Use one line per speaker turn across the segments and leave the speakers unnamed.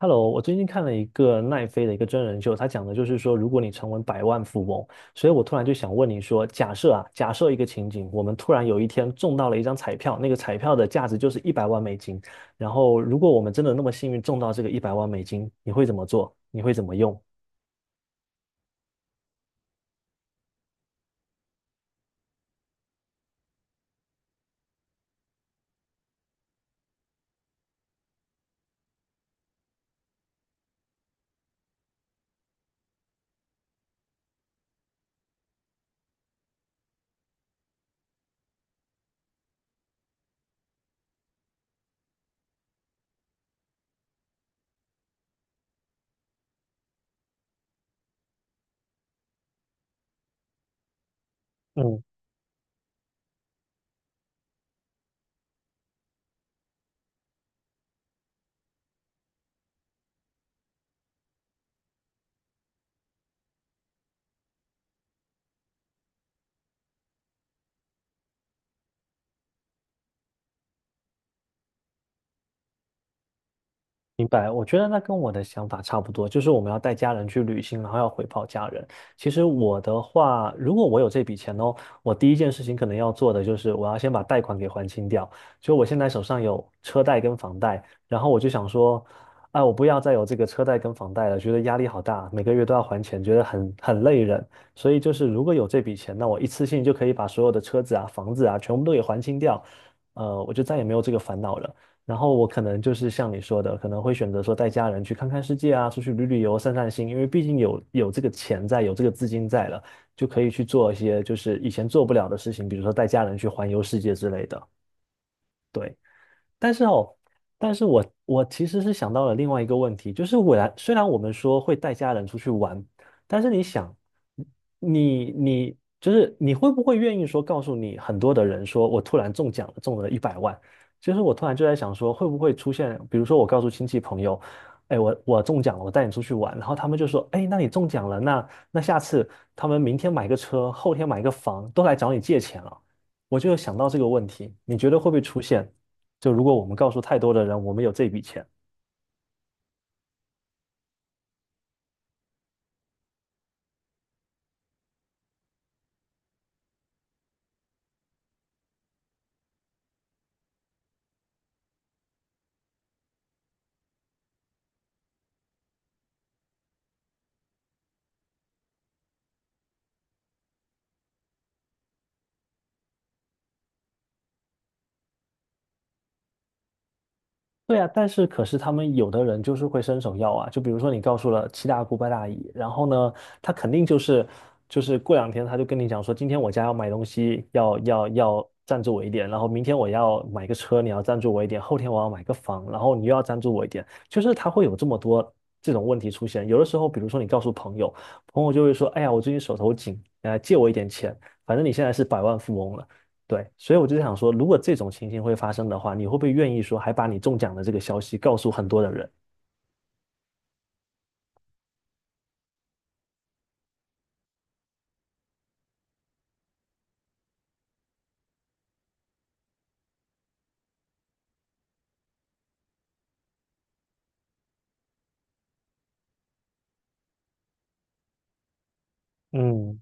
Hello，我最近看了一个奈飞的一个真人秀，他讲的就是说，如果你成为百万富翁，所以我突然就想问你说，假设一个情景，我们突然有一天中到了一张彩票，那个彩票的价值就是一百万美金，然后如果我们真的那么幸运中到这个一百万美金，你会怎么做？你会怎么用？嗯，明白，我觉得那跟我的想法差不多，就是我们要带家人去旅行，然后要回报家人。其实我的话，如果我有这笔钱哦，我第一件事情可能要做的就是我要先把贷款给还清掉。就我现在手上有车贷跟房贷，然后我就想说，哎，我不要再有这个车贷跟房贷了，觉得压力好大，每个月都要还钱，觉得很累人。所以就是如果有这笔钱，那我一次性就可以把所有的车子啊、房子啊全部都给还清掉，我就再也没有这个烦恼了。然后我可能就是像你说的，可能会选择说带家人去看看世界啊，出去旅游、散散心，因为毕竟有这个钱在，有这个资金在了，就可以去做一些就是以前做不了的事情，比如说带家人去环游世界之类的。对。但是哦，但是我其实是想到了另外一个问题，就是虽然我们说会带家人出去玩，但是你想，你你就是你会不会愿意说告诉你很多的人说，我突然中奖了，中了一百万，就是我突然就在想说，会不会出现，比如说我告诉亲戚朋友，哎，我中奖了，我带你出去玩，然后他们就说，哎，那你中奖了，那下次他们明天买个车，后天买个房，都来找你借钱了，我就有想到这个问题，你觉得会不会出现？就如果我们告诉太多的人，我们有这笔钱，对啊，但是他们有的人就是会伸手要啊，就比如说你告诉了七大姑八大姨，然后呢，他肯定就是过两天他就跟你讲说，今天我家要买东西，要赞助我一点，然后明天我要买个车，你要赞助我一点，后天我要买个房，然后你又要赞助我一点，就是他会有这么多这种问题出现。有的时候，比如说你告诉朋友，朋友就会说，哎呀，我最近手头紧，借我一点钱，反正你现在是百万富翁了。对，所以我就想说，如果这种情形会发生的话，你会不会愿意说还把你中奖的这个消息告诉很多的人？嗯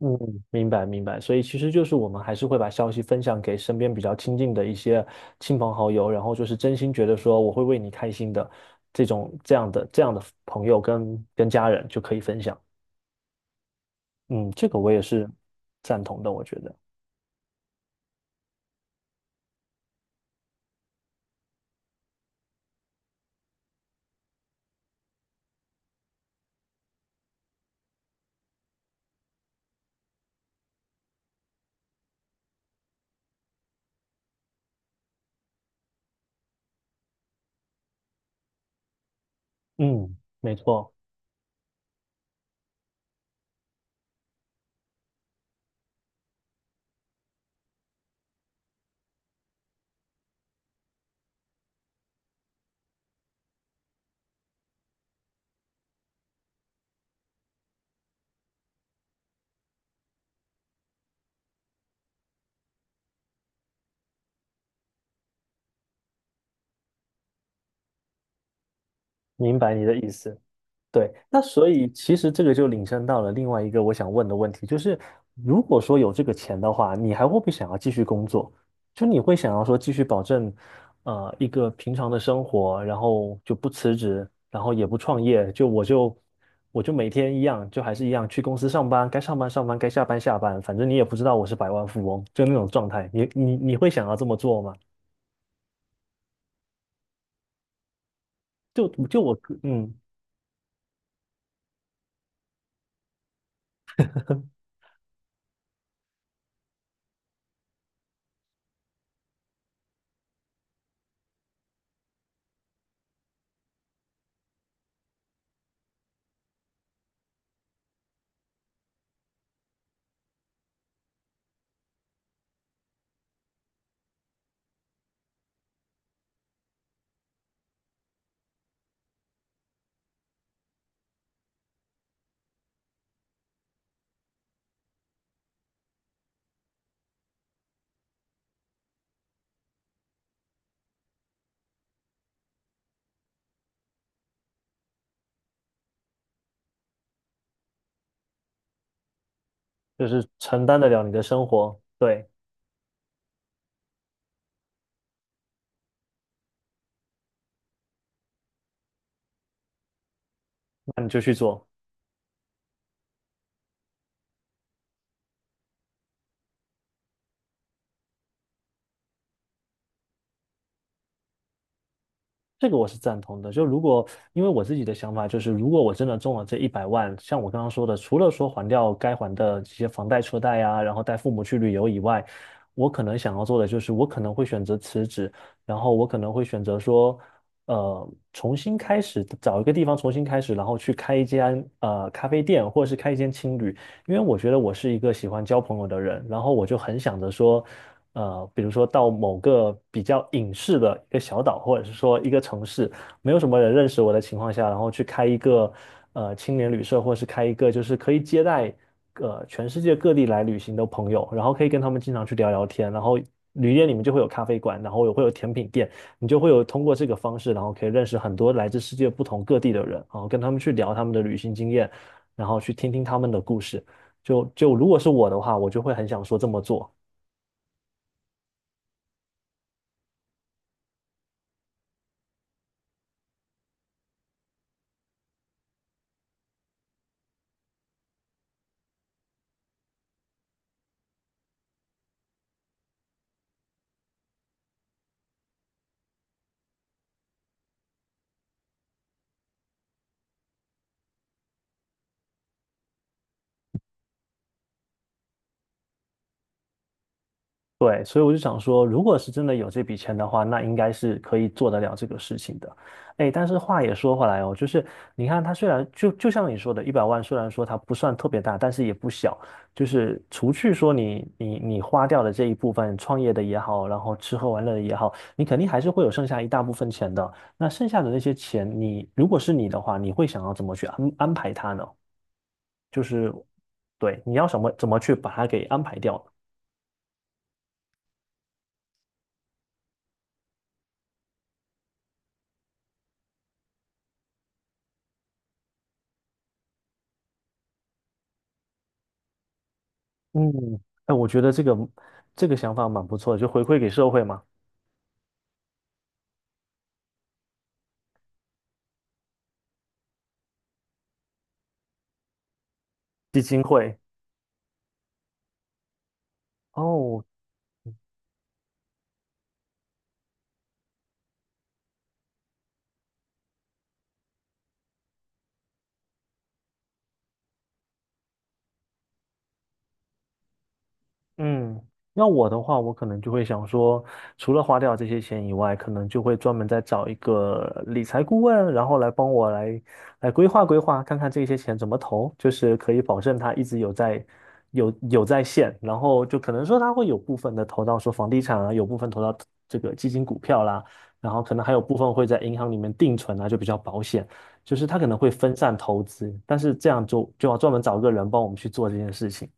嗯，明白明白，所以其实就是我们还是会把消息分享给身边比较亲近的一些亲朋好友，然后就是真心觉得说我会为你开心的这种这样的朋友跟家人就可以分享。嗯，这个我也是赞同的，我觉得。嗯，没错，明白你的意思。对，那所以其实这个就引申到了另外一个我想问的问题，就是如果说有这个钱的话，你还会不会想要继续工作？就你会想要说继续保证，一个平常的生活，然后就不辞职，然后也不创业，就我就我就每天一样，就还是一样去公司上班，该上班上班，该下班下班，反正你也不知道我是百万富翁，就那种状态，你会想要这么做吗？就就我个嗯，就是承担得了你的生活，对，那你就去做。这个我是赞同的。就如果因为我自己的想法就是，如果我真的中了这一百万，像我刚刚说的，除了说还掉该还的这些房贷、车贷啊，然后带父母去旅游以外，我可能想要做的就是，我可能会选择辞职，然后我可能会选择说，重新开始，找一个地方重新开始，然后去开一间咖啡店，或者是开一间青旅，因为我觉得我是一个喜欢交朋友的人，然后我就很想着说。比如说到某个比较隐士的一个小岛，或者是说一个城市，没有什么人认识我的情况下，然后去开一个青年旅社，或者是开一个就是可以接待全世界各地来旅行的朋友，然后可以跟他们经常去聊聊天，然后旅店里面就会有咖啡馆，然后也会有甜品店，你就会有通过这个方式，然后可以认识很多来自世界不同各地的人，然后跟他们去聊他们的旅行经验，然后去听听他们的故事。就如果是我的话，我就会很想说这么做。对，所以我就想说，如果是真的有这笔钱的话，那应该是可以做得了这个事情的。哎，但是话也说回来哦，就是你看，它虽然就像你说的，一百万虽然说它不算特别大，但是也不小。就是除去说你花掉的这一部分，创业的也好，然后吃喝玩乐的也好，你肯定还是会有剩下一大部分钱的。那剩下的那些钱，你如果是你的话，你会想要怎么去安排它呢？就是对，你要什么怎么去把它给安排掉？嗯，哎，我觉得这个想法蛮不错的，就回馈给社会嘛，基金会。哦，嗯，要我的话，我可能就会想说，除了花掉这些钱以外，可能就会专门再找一个理财顾问，然后来帮我来规划规划，看看这些钱怎么投，就是可以保证他一直有在线，然后就可能说他会有部分的投到说房地产啊，有部分投到这个基金股票啦，然后可能还有部分会在银行里面定存啊，就比较保险，就是他可能会分散投资，但是这样就要专门找个人帮我们去做这件事情，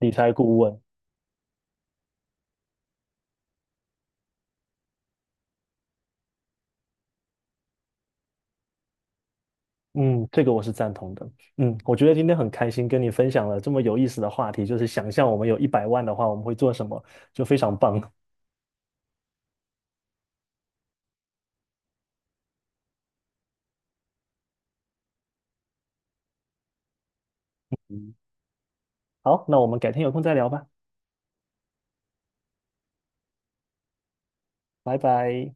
理财顾问。嗯，这个我是赞同的。嗯，我觉得今天很开心跟你分享了这么有意思的话题，就是想象我们有一百万的话，我们会做什么，就非常棒。嗯，好，那我们改天有空再聊吧，拜拜。